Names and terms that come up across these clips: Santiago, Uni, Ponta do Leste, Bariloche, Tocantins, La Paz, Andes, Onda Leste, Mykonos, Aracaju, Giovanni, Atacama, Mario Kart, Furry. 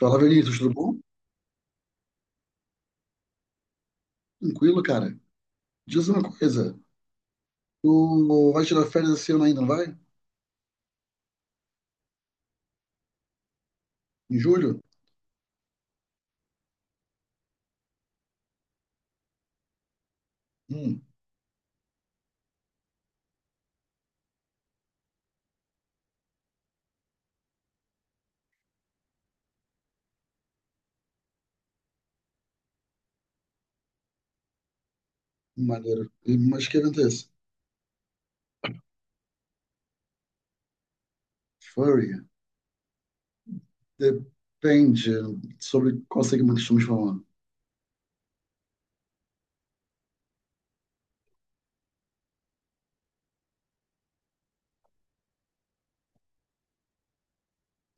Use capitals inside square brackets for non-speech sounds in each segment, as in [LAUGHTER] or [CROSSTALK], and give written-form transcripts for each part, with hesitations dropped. Fala, Vinícius, tudo bom? Tranquilo, cara. Diz uma coisa, tu vai tirar férias esse ano ainda, não vai? Em julho? Hum, maneiro. Mas que evento é esse? Furry. Depende sobre qual segmento estamos falando.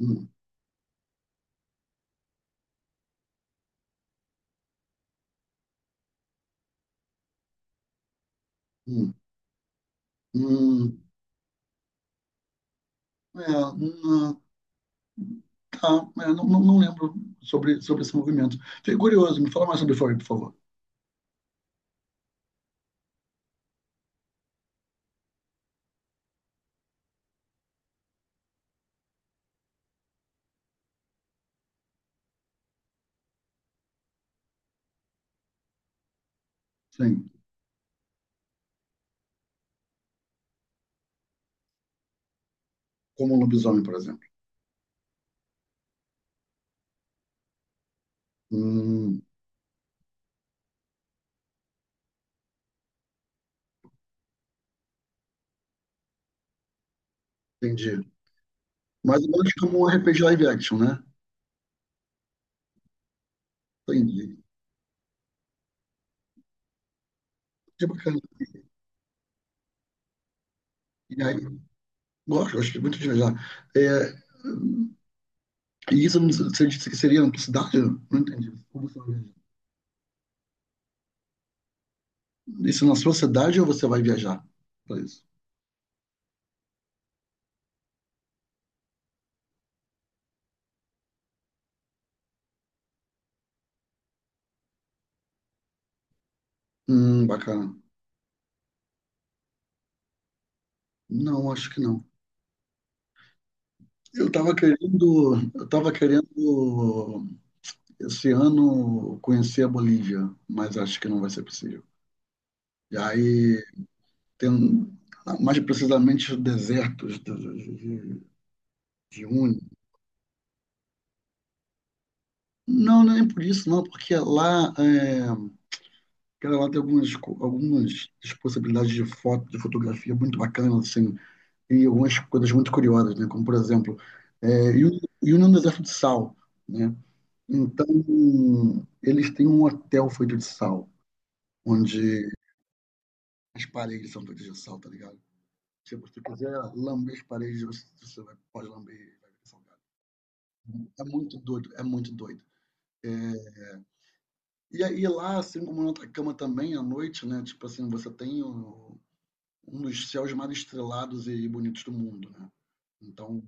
Hum, hum, hum. É, hum, tá, é, não, não, não lembro sobre esse movimento. Fiquei curioso, me fala mais sobre Furry, por favor. Sim, como um lobisomem, por exemplo. Hum, entendi. Mais ou menos como um RPG live action, né? Entendi. Que bacana. E aí, gosto muito de viajar. É, e você disse que seria na sua cidade? Eu não entendi. Como você vai viajar? Isso é na sua cidade ou você vai viajar para isso? Bacana. Não, acho que não. Eu tava querendo esse ano conhecer a Bolívia, mas acho que não vai ser possível. E aí tendo mais precisamente os desertos de Uni. Não, nem por isso, não, porque lá tem algumas, algumas possibilidades de foto, de fotografia muito bacanas, assim, e algumas coisas muito curiosas, né? Como por exemplo, Uni é um deserto de sal, né? Então, eles têm um hotel feito de sal, onde as paredes são feitas de sal, tá ligado? Tipo, se você quiser lamber as paredes, pode lamber e vai ver salgado. É muito doido, é muito doido. E aí lá, assim como na outra cama também, à noite, né? Tipo assim, você tem um dos céus mais estrelados e bonitos do mundo, né? Então,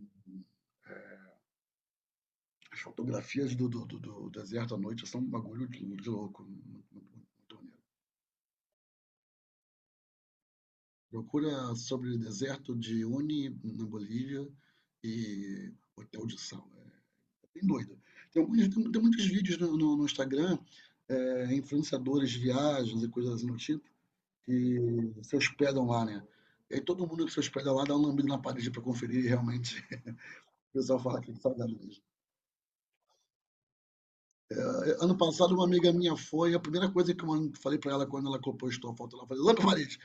as fotografias do deserto à noite são um bagulho de louco. Muito, muito, muito maneiro. Procura sobre o deserto de Uni, na Bolívia, e Hotel de Sal. É bem doido. Tem muitos vídeos no Instagram, influenciadores de viagens e coisas assim do tipo, que se hospedam lá, né? E aí todo mundo que se hospeda lá dá um lambido na parede para conferir e realmente [LAUGHS] o pessoal fala que sabe mesmo. Ano passado, uma amiga minha foi, a primeira coisa que eu falei para ela quando ela compostou a foto, ela falou, lambe a parede!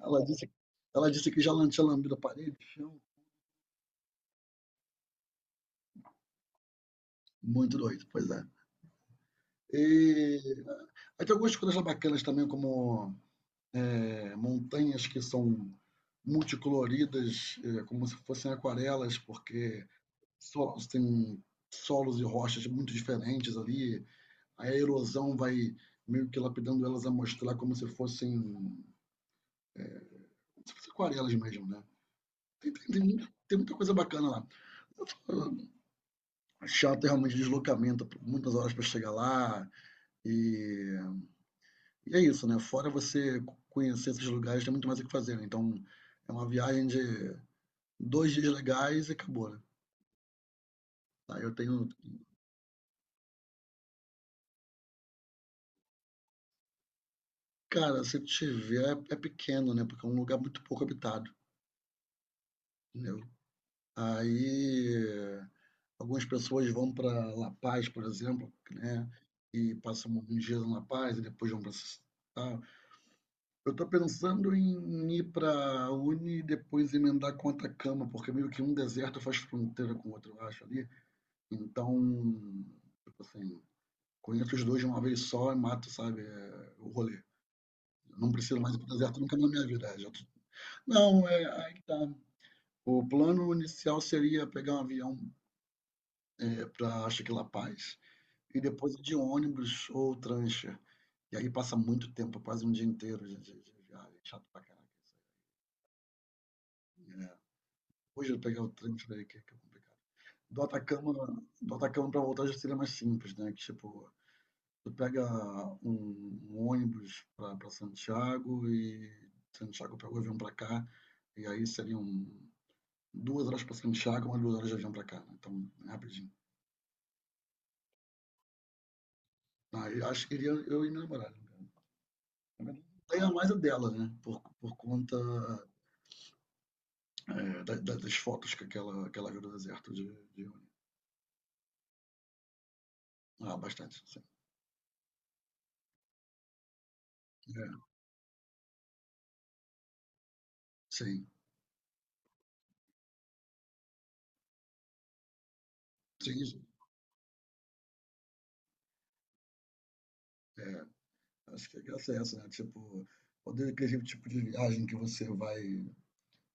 Ela disse, ela disse que já tinha lambido a parede, chão. Muito doido, pois é. E aí tem algumas coisas bacanas também, como montanhas que são multicoloridas, como se fossem aquarelas, porque tem solos e rochas muito diferentes ali. Aí a erosão vai meio que lapidando elas a mostrar como se fossem aquarelas mesmo, né? Tem muita coisa bacana lá. Chato é realmente deslocamento, muitas horas para chegar lá. E, e é isso, né? Fora você conhecer esses lugares, tem muito mais o que fazer. Né? Então é uma viagem de 2 dias legais e acabou, né? Aí eu tenho. Cara, se tiver, é pequeno, né? Porque é um lugar muito pouco habitado. Né? Aí algumas pessoas vão para La Paz, por exemplo, né, e passam alguns dias em La Paz e depois vão para. Eu estou pensando em ir para Uni e depois emendar com Atacama, porque meio que um deserto faz fronteira com o outro, eu acho ali. Então, tipo assim, conheço os dois de uma vez só e mato, sabe, o rolê. Não preciso mais ir para o deserto nunca na minha vida. Não, é, aí tá. O plano inicial seria pegar um avião. É, pra acho que La Paz, e depois é de ônibus ou prancha. E aí passa muito tempo, quase um dia inteiro de viagem, chato pra caraca isso aí. É, hoje eu pegar o trem por aí que é complicado. Do Atacama do Atacama para voltar já seria mais simples, né, que tipo, tu pega um ônibus pra Santiago e Santiago pega o avião pra cá, e aí seriam 2 horas pra Santiago, mais 2 horas de avião pra cá, né, então é rapidinho. Aí acho que iria eu e namorar namorada. Ganha mais a dela, né? Por conta das fotos que aquela viu do deserto de Uni. Ah, bastante, sim. É, sim, sim, isso. É, acho que a graça é essa, né? Tipo, poder aquele tipo de viagem que você vai,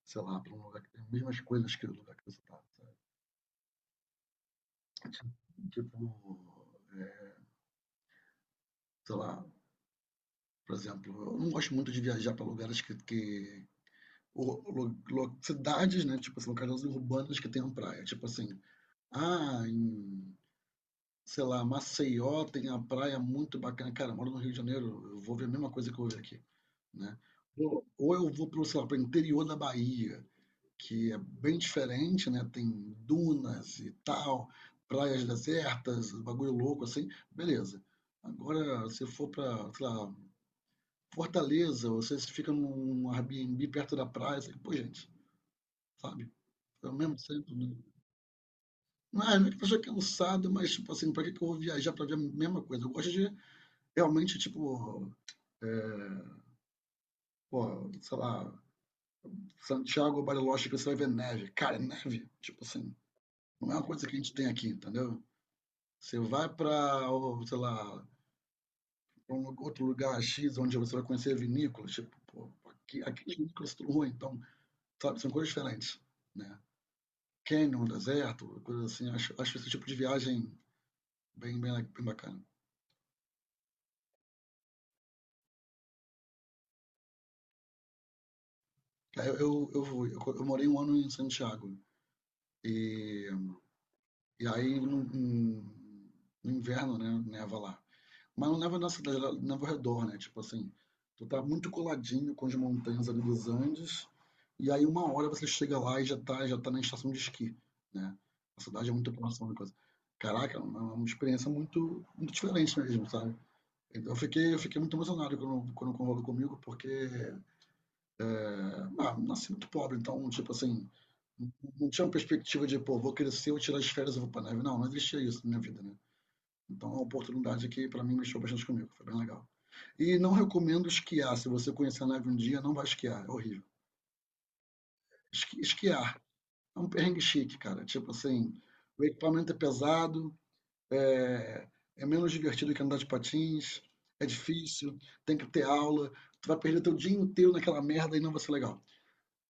sei lá, para um lugar que tem as mesmas coisas que o lugar que você tá, sabe? Ti- Tipo, sei lá, por exemplo, eu não gosto muito de viajar para lugares que ou, cidades, né? Tipo assim, locais urbanas que tenham praia. Tipo assim, ah, em, sei lá, Maceió tem a praia muito bacana. Cara, eu moro no Rio de Janeiro, eu vou ver a mesma coisa que eu vejo aqui, né? Ou eu vou para sei lá, pro interior da Bahia, que é bem diferente, né? Tem dunas e tal, praias desertas, bagulho louco assim, beleza. Agora, se for para sei lá, Fortaleza, ou se você fica num Airbnb perto da praia, assim, pô, gente, sabe? É o mesmo sempre, né? Não é, não é que a pessoa é cansado, mas, tipo assim, pra que que eu vou viajar pra ver a mesma coisa? Eu gosto de. Realmente, tipo, pô, sei lá, Santiago, Bariloche, que você vai ver neve. Cara, é neve. Tipo assim, não é uma coisa que a gente tem aqui, entendeu? Você vai pra, ou, sei lá, pra um outro lugar X, onde você vai conhecer vinícolas. Tipo, pô, aqui as vinícolas tudo ruim, então, sabe, são coisas diferentes, né? Canyon, deserto, coisas assim. Acho esse tipo de viagem bem, bem, bem bacana. Aí eu, fui- eu, co- eu morei um ano em Santiago. E, e aí, no inverno, né, neva lá. Mas não leva na cidade, ela leva ao redor, né? Tipo assim, tu tá muito coladinho com as montanhas ali dos Andes, e aí uma hora você chega lá e já tá na estação de esqui, né? A cidade é muito próxima da coisa. Caraca, é uma experiência muito, muito diferente mesmo, sabe? Eu fiquei muito emocionado quando rolou comigo, porque ah, nasci muito pobre, então, tipo assim, não tinha uma perspectiva de, pô, vou crescer, vou tirar as férias e vou pra neve. Não, não existia isso na minha vida, né? Então, é uma oportunidade que, para mim, mexeu bastante comigo. Foi bem legal. E não recomendo esquiar. Se você conhecer a neve um dia, não vai esquiar. É horrível. Esquiar é um perrengue chique, cara. Tipo assim, o equipamento é pesado, é, é menos divertido que andar de patins, é difícil, tem que ter aula. Tu vai perder teu dia inteiro naquela merda e não vai ser legal.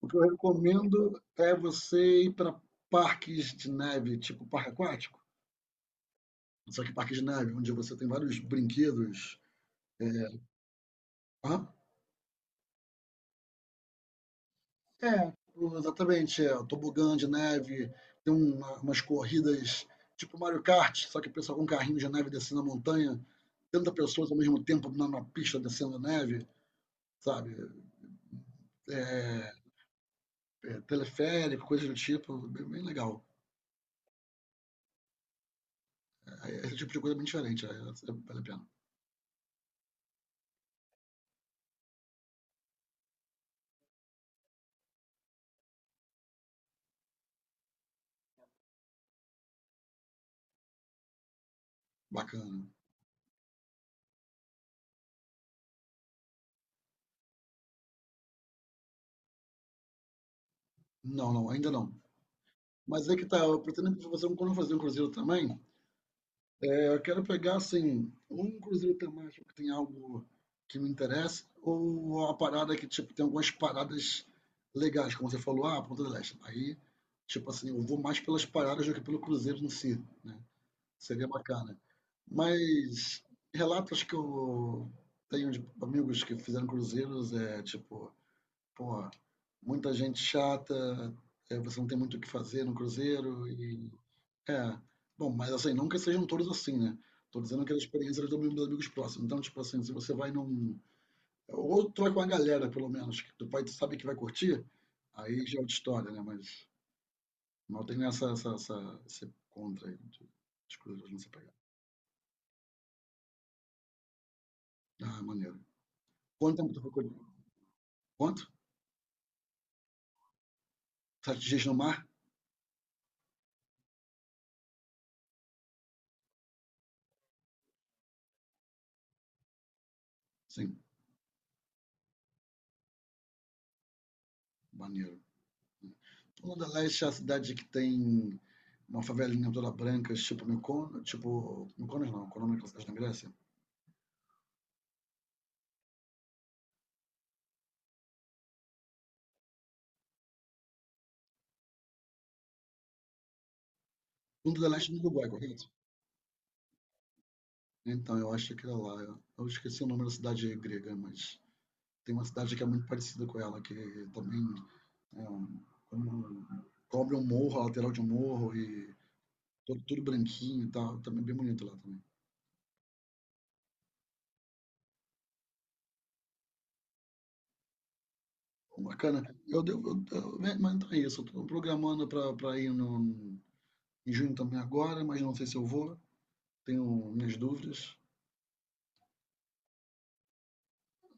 O que eu recomendo é você ir para parques de neve, tipo parque aquático. Só que parque de neve, onde você tem vários brinquedos. Hã? É, exatamente, é, o tobogã de neve, tem umas corridas tipo Mario Kart, só que o pessoal com um carrinho de neve descendo a montanha, 30 pessoas ao mesmo tempo na pista descendo a neve, sabe? É, é, teleférico, coisa do tipo, bem, bem legal. É, esse tipo de coisa é bem diferente, vale a pena. Bacana. Não, não, ainda não. Mas é que tá, eu pretendo fazer um, quando eu fazer um cruzeiro também, é, eu quero pegar, assim, um cruzeiro temático que tem algo que me interessa, ou uma parada que, tipo, tem algumas paradas legais, como você falou, ah, Ponta do Leste. Aí, tipo assim, eu vou mais pelas paradas do que pelo cruzeiro em si, né? Seria bacana. Mas relatos que eu tenho de amigos que fizeram cruzeiros é, tipo, porra, muita gente chata, é, você não tem muito o que fazer no cruzeiro é. Bom, mas assim, não que sejam todos assim, né. Tô dizendo que as experiências dos meus amigos próximos. Então, tipo assim, se você vai num ou tu vai com a galera pelo menos, que tu vai tu sabe que vai curtir, aí já é outra história, né, mas não tem essa essa essa esse contra aí de cruzeiros nessa pegada. Ah, maneiro. Quanto tempo tu ficou quanto? 7 dias no mar? Sim, maneiro. Onda Leste é a cidade que tem uma favelinha toda branca, tipo, Mykonos não, qual é o nome daquela cidade na Grécia? Onda Leste no Uruguai, correto? Então, eu acho que era lá. Eu esqueci o nome da cidade grega, mas tem uma cidade que é muito parecida com ela, que também é um, como cobre um morro, a lateral de um morro, e tudo, tudo branquinho e tal. Também bem bonito lá também. Bacana. Eu devo, né, mas então é isso. Eu tô programando pra ir no, em junho também agora, mas não sei se eu vou. Tenho minhas dúvidas.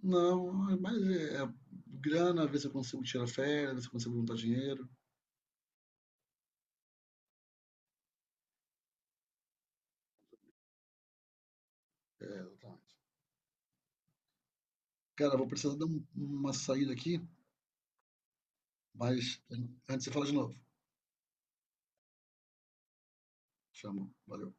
Não, mas é grana, ver se eu consigo tirar férias, ver se eu consigo juntar dinheiro. É, exatamente. Cara, vou precisar dar uma saída aqui, mas antes você fala de novo. Chama, valeu.